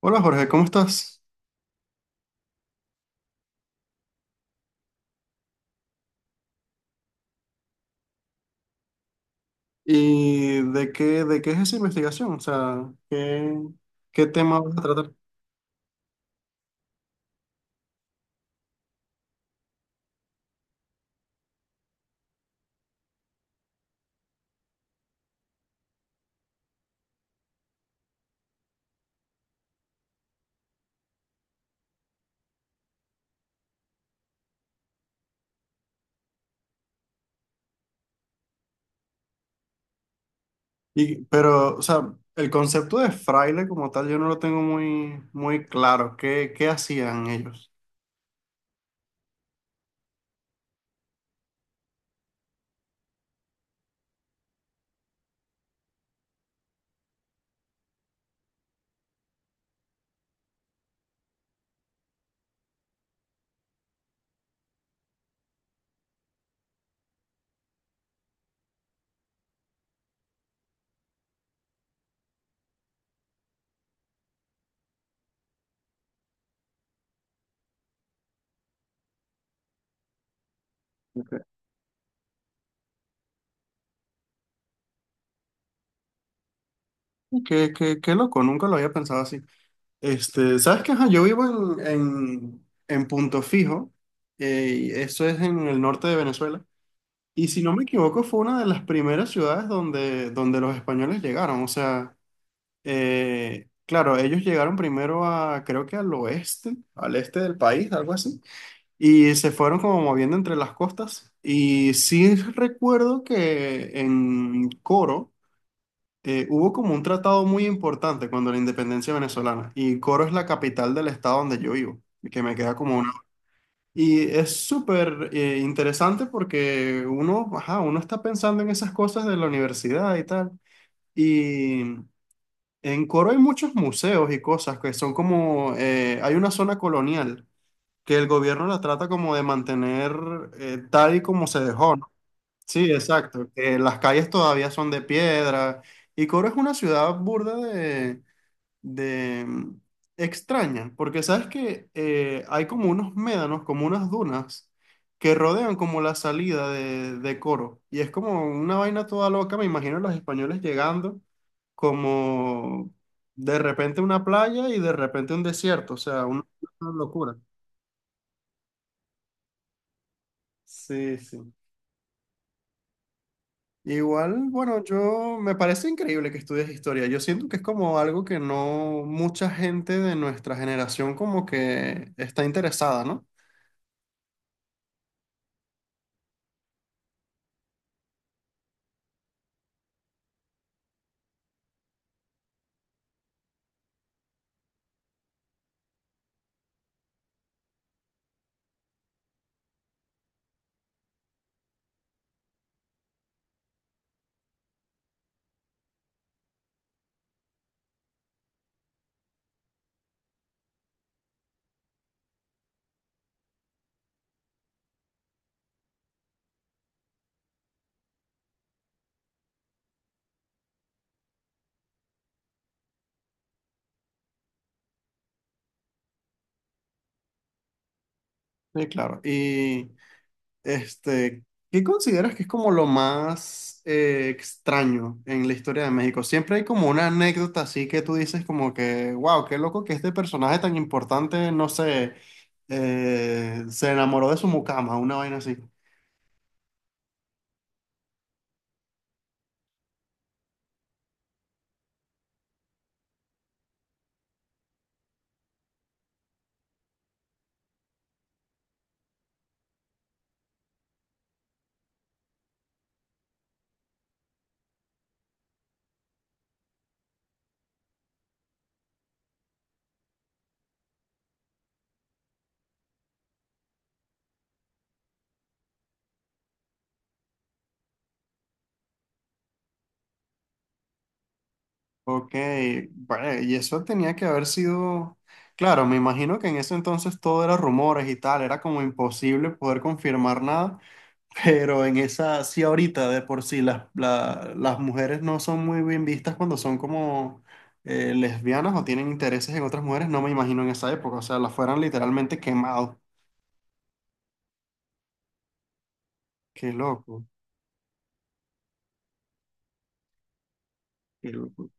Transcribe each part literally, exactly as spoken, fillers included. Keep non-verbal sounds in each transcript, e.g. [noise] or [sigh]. Hola Jorge, ¿cómo estás? ¿Y de qué, de qué es esa investigación? O sea, ¿qué, qué tema vas a tratar? Y, pero, o sea, el concepto de fraile como tal yo no lo tengo muy, muy claro. ¿Qué, qué hacían ellos? Ok. Qué, qué, qué loco, nunca lo había pensado así. Este, ¿sabes qué? Ajá, yo vivo en, en, en Punto Fijo, eh, y eso es en el norte de Venezuela, y si no me equivoco fue una de las primeras ciudades donde, donde los españoles llegaron, o sea. Eh, claro, ellos llegaron primero a, creo que al oeste, al este del país, algo así, y se fueron como moviendo entre las costas. Y sí recuerdo que en Coro eh, hubo como un tratado muy importante cuando la independencia venezolana, y Coro es la capital del estado donde yo vivo, que me queda como una. Y es súper eh, interesante porque uno, ajá, uno está pensando en esas cosas de la universidad y tal. Y en Coro hay muchos museos y cosas que son como, eh, hay una zona colonial que el gobierno la trata como de mantener eh, tal y como se dejó, ¿no? Sí, exacto, que las calles todavía son de piedra y Coro es una ciudad burda de, de mm, extraña, porque sabes que eh, hay como unos médanos, como unas dunas que rodean como la salida de, de Coro, y es como una vaina toda loca. Me imagino a los españoles llegando como de repente una playa y de repente un desierto, o sea, una, una locura. Sí, sí. Igual, bueno, yo me parece increíble que estudies historia. Yo siento que es como algo que no mucha gente de nuestra generación como que está interesada, ¿no? Sí, claro. Y este, ¿qué consideras que es como lo más eh, extraño en la historia de México? Siempre hay como una anécdota así que tú dices como que, wow, qué loco que este personaje tan importante, no sé, eh, se enamoró de su mucama, una vaina así. Ok, vale, y eso tenía que haber sido, claro, me imagino que en ese entonces todo era rumores y tal, era como imposible poder confirmar nada. Pero en esa, sí, ahorita de por sí, las, la- las mujeres no son muy bien vistas cuando son como eh, lesbianas o tienen intereses en otras mujeres, no me imagino en esa época, o sea, las fueran literalmente quemados. Qué loco, qué loco.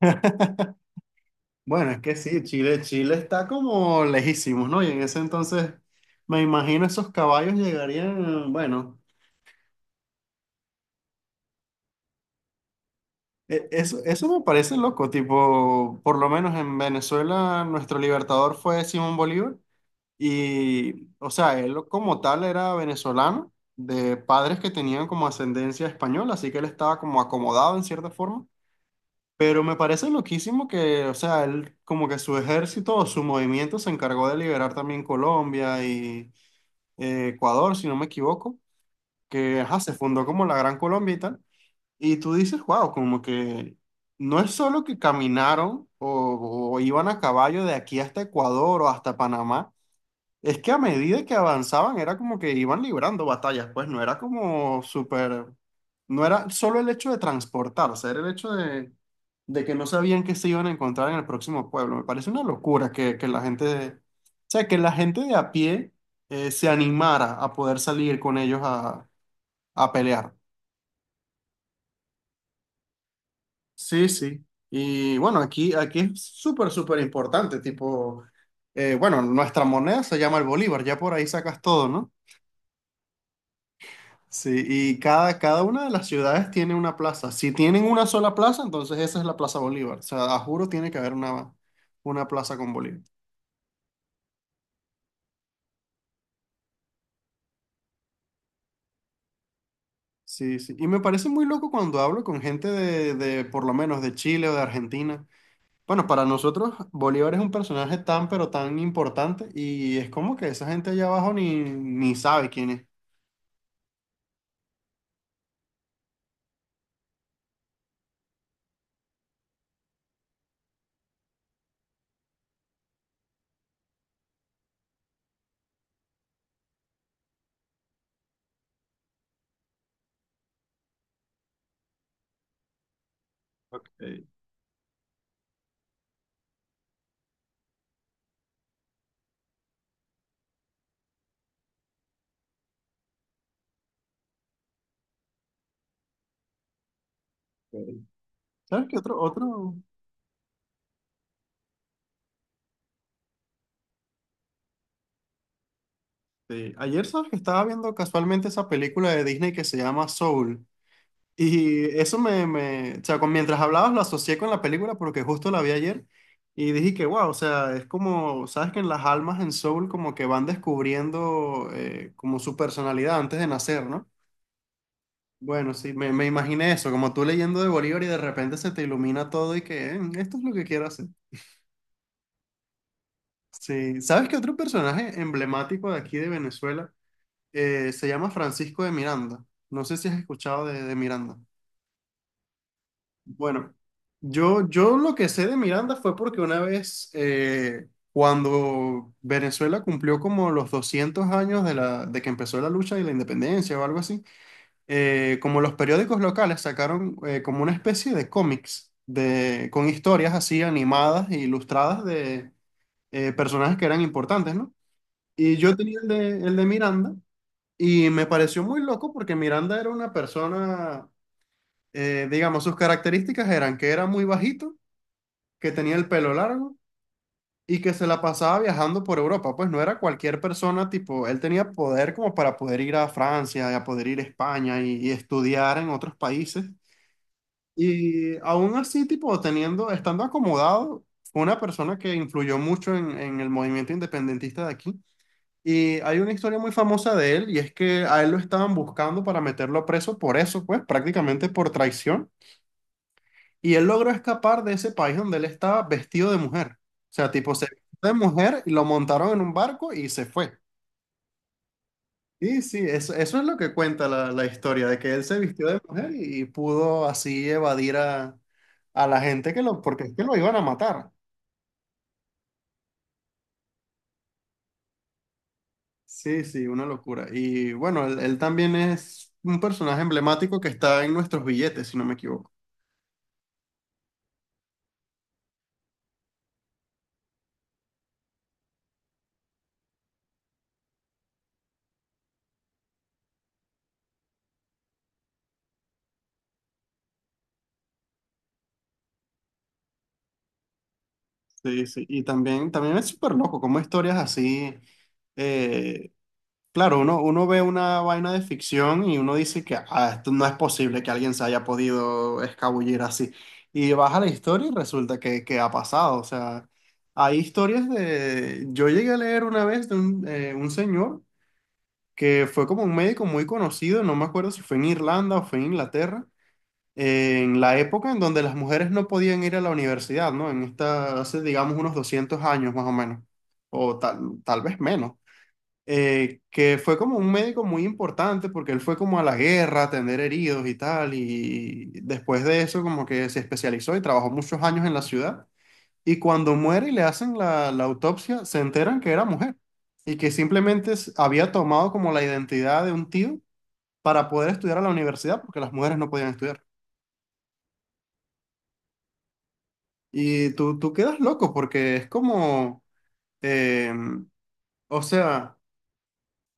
[laughs] Bueno, es que sí, Chile, Chile está como lejísimos, ¿no? Y en ese entonces, me imagino esos caballos llegarían, bueno, e- eso, eso me parece loco, tipo, por lo menos en Venezuela, nuestro libertador fue Simón Bolívar. Y, o sea, él como tal era venezolano, de padres que tenían como ascendencia española, así que él estaba como acomodado en cierta forma. Pero me parece loquísimo que, o sea, él como que su ejército o su movimiento se encargó de liberar también Colombia y eh, Ecuador, si no me equivoco, que ajá, se fundó como la Gran Colombia y tal. Y tú dices, wow, como que no es solo que caminaron o o iban a caballo de aquí hasta Ecuador o hasta Panamá, es que a medida que avanzaban era como que iban librando batallas. Pues no era como súper, no era solo el hecho de transportarse, era el hecho de, de que no sabían qué se iban a encontrar en el próximo pueblo. Me parece una locura que, que la gente, o sea, que la gente de a pie eh, se animara a poder salir con ellos a, a pelear. Sí, sí. Y bueno, aquí, aquí es súper, súper importante, tipo, eh, bueno, nuestra moneda se llama el bolívar, ya por ahí sacas todo, ¿no? Sí, y cada, cada una de las ciudades tiene una plaza. Si tienen una sola plaza, entonces esa es la Plaza Bolívar. O sea, a juro tiene que haber una, una plaza con Bolívar. Sí, sí. Y me parece muy loco cuando hablo con gente de, de, por lo menos, de Chile o de Argentina. Bueno, para nosotros Bolívar es un personaje tan, pero tan importante, y es como que esa gente allá abajo ni, ni sabe quién es. Ok, ok. ¿Sabes qué otro, otro? Sí. Ayer sabes que estaba viendo casualmente esa película de Disney que se llama Soul. Y eso me, me, o sea, con, mientras hablabas lo asocié con la película porque justo la vi ayer y dije que, wow, o sea, es como, sabes que en las almas en Soul como que van descubriendo eh, como su personalidad antes de nacer, ¿no? Bueno, sí, me, me imaginé eso, como tú leyendo de Bolívar y de repente se te ilumina todo y que, "Eh, esto es lo que quiero hacer". Sí, ¿sabes qué otro personaje emblemático de aquí de Venezuela eh, se llama Francisco de Miranda? No sé si has escuchado de de Miranda. Bueno, yo, yo lo que sé de Miranda fue porque una vez, eh, cuando Venezuela cumplió como los doscientos años de, la, de que empezó la lucha y la independencia o algo así, eh, como los periódicos locales sacaron eh, como una especie de cómics de, con historias así animadas e ilustradas de eh, personajes que eran importantes, ¿no? Y yo tenía el de, el de Miranda, y me pareció muy loco porque Miranda era una persona, eh, digamos, sus características eran que era muy bajito, que tenía el pelo largo y que se la pasaba viajando por Europa. Pues no era cualquier persona, tipo, él tenía poder como para poder ir a Francia y a poder ir a España y, y estudiar en otros países. Y aún así, tipo, teniendo, estando acomodado, fue una persona que influyó mucho en, en el movimiento independentista de aquí. Y hay una historia muy famosa de él, y es que a él lo estaban buscando para meterlo preso por eso, pues, prácticamente por traición. Y él logró escapar de ese país donde él estaba vestido de mujer. O sea, tipo, se vistió de mujer y lo montaron en un barco y se fue. Sí, sí, eso, eso es lo que cuenta la, la historia, de que él se vistió de mujer y, y pudo así evadir a, a la gente que lo, porque es que lo iban a matar. Sí, sí, una locura. Y bueno, él, él también es un personaje emblemático que está en nuestros billetes, si no me equivoco. Sí, sí. Y también, también es súper loco, como historias así. eh, Claro, uno, uno ve una vaina de ficción y uno dice que, "Ah, esto no es posible que alguien se haya podido escabullir así". Y vas a la historia y resulta que, que ha pasado. O sea, hay historias de. Yo llegué a leer una vez de un, eh, un señor que fue como un médico muy conocido, no me acuerdo si fue en Irlanda o fue en Inglaterra, eh, en la época en donde las mujeres no podían ir a la universidad, ¿no? En esta, hace digamos unos doscientos años más o menos, o tal, tal vez menos, eh, que fue como un médico muy importante porque él fue como a la guerra, a atender heridos y tal, y después de eso como que se especializó y trabajó muchos años en la ciudad, y cuando muere y le hacen la, la autopsia, se enteran que era mujer y que simplemente s- había tomado como la identidad de un tío para poder estudiar a la universidad porque las mujeres no podían estudiar. Y tú, tú quedas loco porque es como, em, o sea.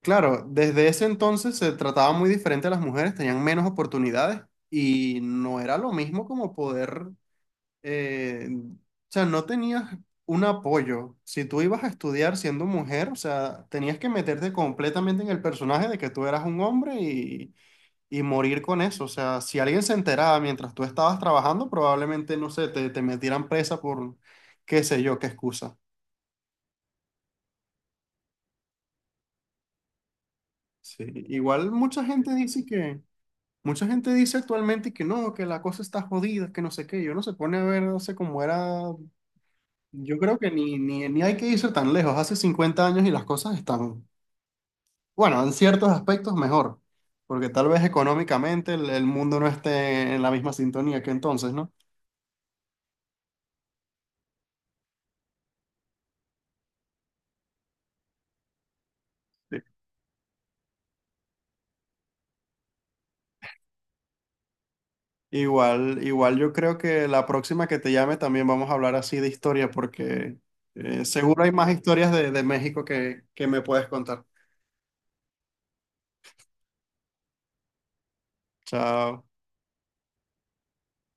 Claro, desde ese entonces se trataba muy diferente a las mujeres, tenían menos oportunidades y no era lo mismo como poder, eh, o sea, no tenías un apoyo. Si tú ibas a estudiar siendo mujer, o sea, tenías que meterte completamente en el personaje de que tú eras un hombre y, y morir con eso. O sea, si alguien se enteraba mientras tú estabas trabajando, probablemente, no sé, te, te metieran presa por qué sé yo, qué excusa. Sí, igual mucha gente dice que. Mucha gente dice actualmente que no, que la cosa está jodida, que no sé qué. Yo no se pone a ver, no sé cómo era. Yo creo que ni, ni, ni hay que irse tan lejos. Hace cincuenta años y las cosas están, bueno, en ciertos aspectos mejor, porque tal vez económicamente el, el mundo no esté en la misma sintonía que entonces, ¿no? Sí. Igual, igual yo creo que la próxima que te llame también vamos a hablar así de historia, porque eh, seguro hay más historias de, de México que, que me puedes contar. Chao.